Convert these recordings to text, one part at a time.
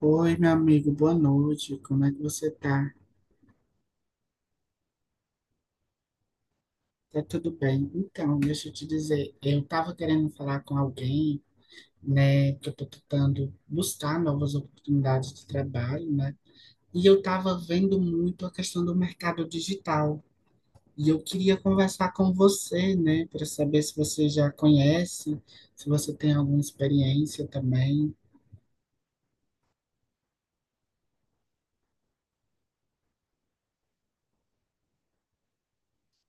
Oi, meu amigo, boa noite. Como é que você tá? Tá tudo bem? Então, deixa eu te dizer, eu tava querendo falar com alguém, né, que eu tô tentando buscar novas oportunidades de trabalho, né? E eu tava vendo muito a questão do mercado digital. E eu queria conversar com você, né, para saber se você já conhece, se você tem alguma experiência também.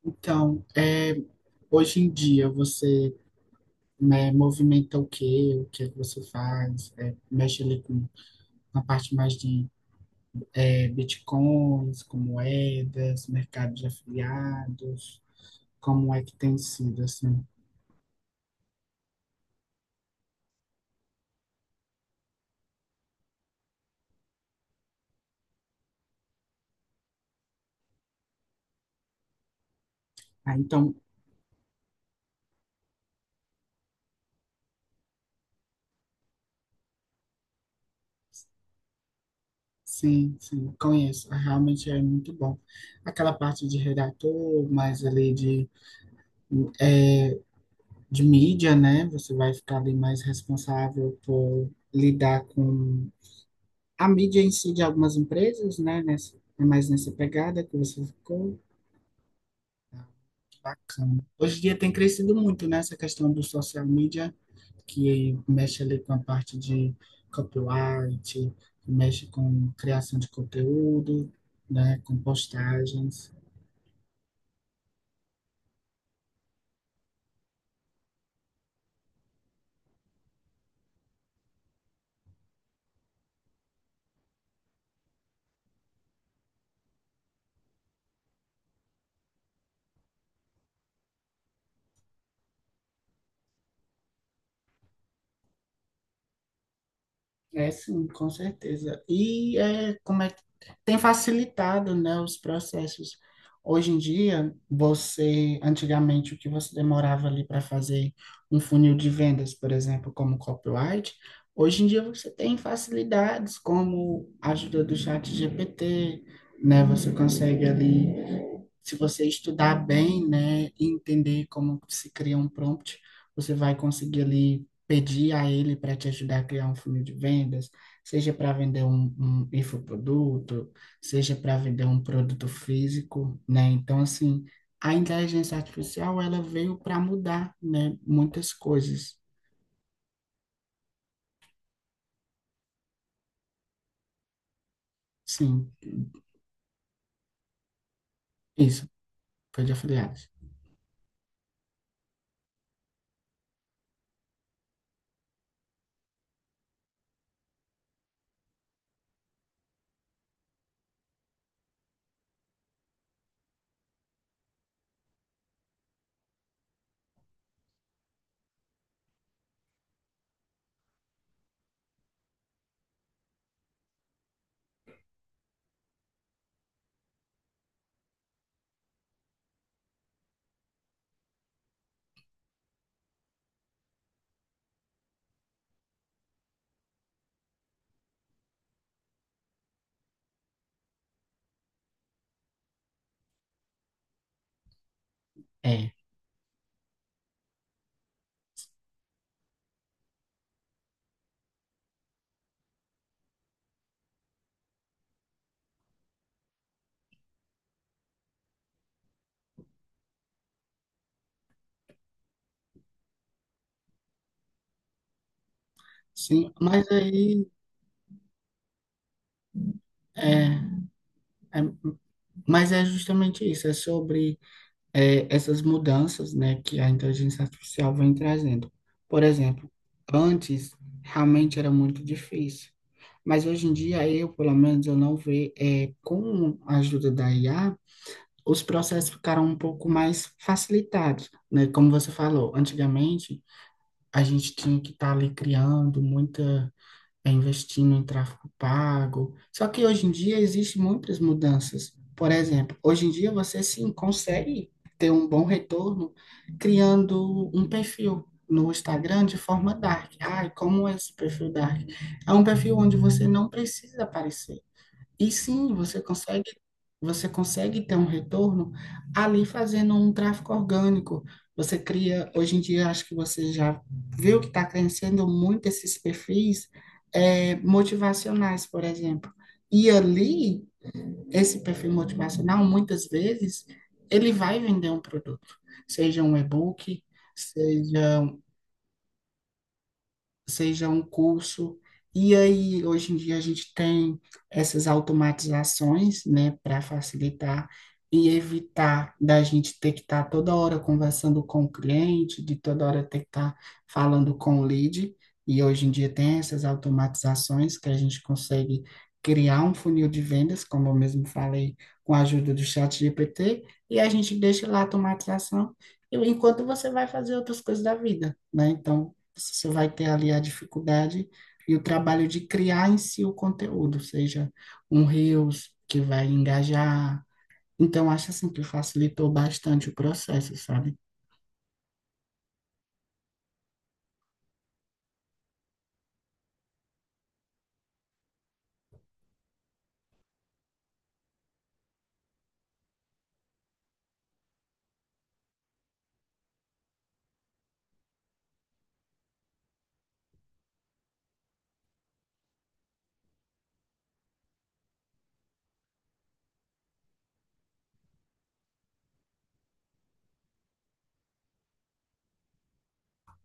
Então, é, hoje em dia você né, movimenta o quê, o que é que você faz, é, mexe ali com a parte mais de é, bitcoins, com moedas, mercado de afiliados, como é que tem sido, assim. Ah, então, sim, sim, conheço, Ah, realmente é muito bom. Aquela parte de redator, mais ali de mídia, né, você vai ficar ali mais responsável por lidar com a mídia em si de algumas empresas, né, nessa, é mais nessa pegada que você ficou. Bacana. Hoje em dia tem crescido muito, né, essa questão do social media, que mexe ali com a parte de copyright, que mexe com criação de conteúdo, né, com postagens. É sim, com certeza. E é, como é que tem facilitado, né, os processos. Hoje em dia, você, antigamente, o que você demorava ali para fazer um funil de vendas, por exemplo, como copyright, hoje em dia você tem facilidades como a ajuda do chat GPT, né? Você consegue ali se você estudar bem, né, e entender como se cria um prompt, você vai conseguir ali pedir a ele para te ajudar a criar um funil de vendas, seja para vender um infoproduto, seja para vender um produto físico, né? Então, assim, a inteligência artificial, ela veio para mudar, né, muitas coisas. Sim, isso, foi de afiliados. É, sim, mas aí, é, é, mas é justamente isso, é sobre é, essas mudanças, né, que a inteligência artificial vem trazendo. Por exemplo, antes realmente era muito difícil, mas hoje em dia eu, pelo menos, eu não vejo, é, com a ajuda da IA, os processos ficaram um pouco mais facilitados, né? Como você falou, antigamente a gente tinha que estar ali criando muita é investindo em tráfego pago. Só que hoje em dia existem muitas mudanças. Por exemplo, hoje em dia você sim consegue ter um bom retorno criando um perfil no Instagram de forma dark. Ai, como é esse perfil dark? É um perfil onde você não precisa aparecer. E sim, você consegue ter um retorno ali fazendo um tráfego orgânico. Você cria, hoje em dia, acho que você já viu que está crescendo muito esses perfis motivacionais, por exemplo. E ali, esse perfil motivacional, muitas vezes, ele vai vender um produto, seja um e-book, seja seja um curso. E aí, hoje em dia, a gente tem essas automatizações, né, para facilitar e evitar da gente ter que estar toda hora conversando com o cliente, de toda hora ter que estar falando com o lead. E hoje em dia tem essas automatizações que a gente consegue criar um funil de vendas, como eu mesmo falei, com a ajuda do chat GPT, e a gente deixa lá a automatização, enquanto você vai fazer outras coisas da vida, né? Então, você vai ter ali a dificuldade e o trabalho de criar em si o conteúdo, seja um Reels que vai engajar. Então, acho assim que facilitou bastante o processo, sabe?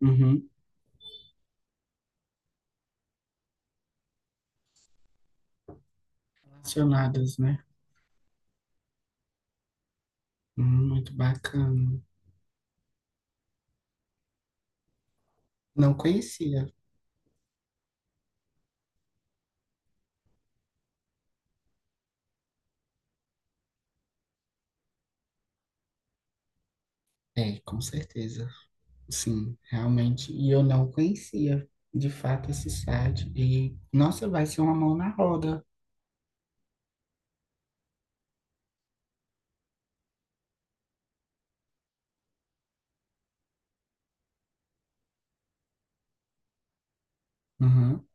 Uhum. Relacionadas, né? Muito bacana. Não conhecia. É, com certeza. Sim, realmente. E eu não conhecia, de fato, esse site. E, nossa, vai ser uma mão na roda. Uhum,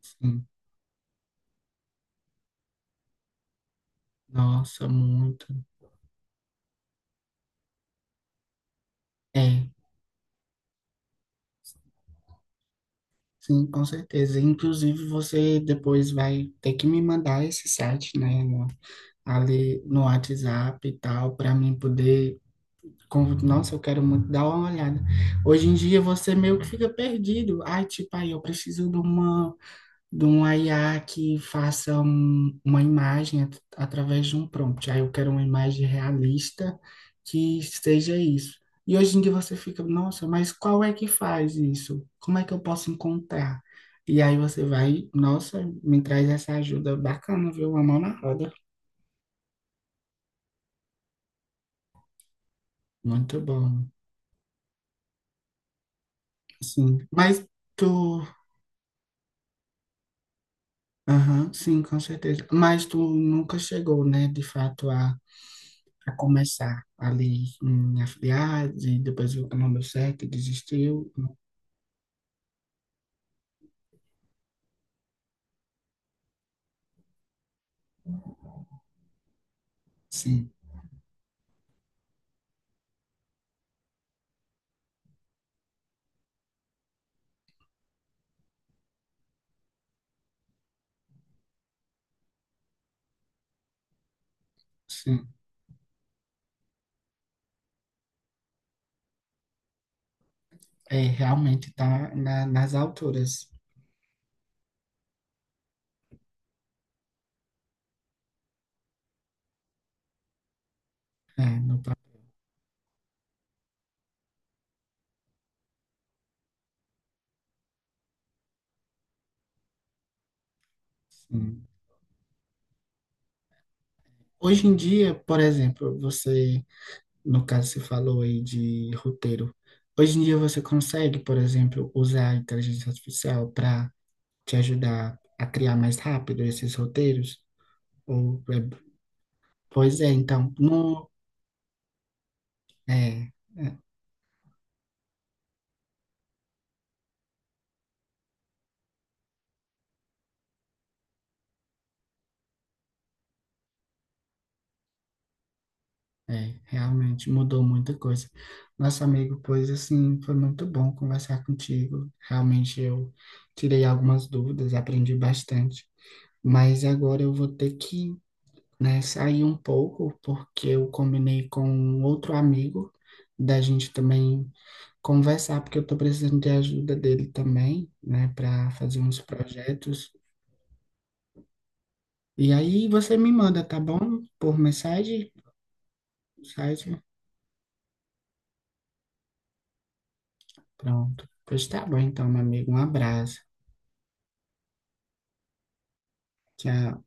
sim. Nossa, muito. É, sim, com certeza. Inclusive, você depois vai ter que me mandar esse site, né, no- ali no WhatsApp e tal, para mim poder. Con- Nossa, eu quero muito dar uma olhada. Hoje em dia você meio que fica perdido. Ai, tipo, aí eu preciso de uma IA que faça um- uma imagem at- através de um prompt. Aí eu quero uma imagem realista que seja isso. E hoje em dia você fica, nossa, mas qual é que faz isso? Como é que eu posso encontrar? E aí você vai, nossa, me traz essa ajuda bacana, viu? Uma mão na roda. Muito bom. Sim. Mas tu, aham, sim, com certeza. Mas tu nunca chegou, né, de fato, a começar ali em afiliados e depois viu que não deu certo, desistiu. Sim, sim. É, realmente está na, nas alturas. É, no, pa- sim. Hoje em dia, por exemplo, você, no caso, você falou aí de roteiro. Hoje em dia você consegue, por exemplo, usar a inteligência artificial para te ajudar a criar mais rápido esses roteiros? Ou, é, pois é, então, no, é, é, realmente mudou muita coisa. Nosso amigo, pois assim, foi muito bom conversar contigo. Realmente eu tirei algumas dúvidas, aprendi bastante. Mas agora eu vou ter que, né, sair um pouco, porque eu combinei com um outro amigo da gente também conversar, porque eu tô precisando de ajuda dele também, né, para fazer uns projetos. E aí você me manda, tá bom? Por mensagem? Mensagem? Pronto. Pois tá bom, então, meu amigo. Um abraço. Tchau.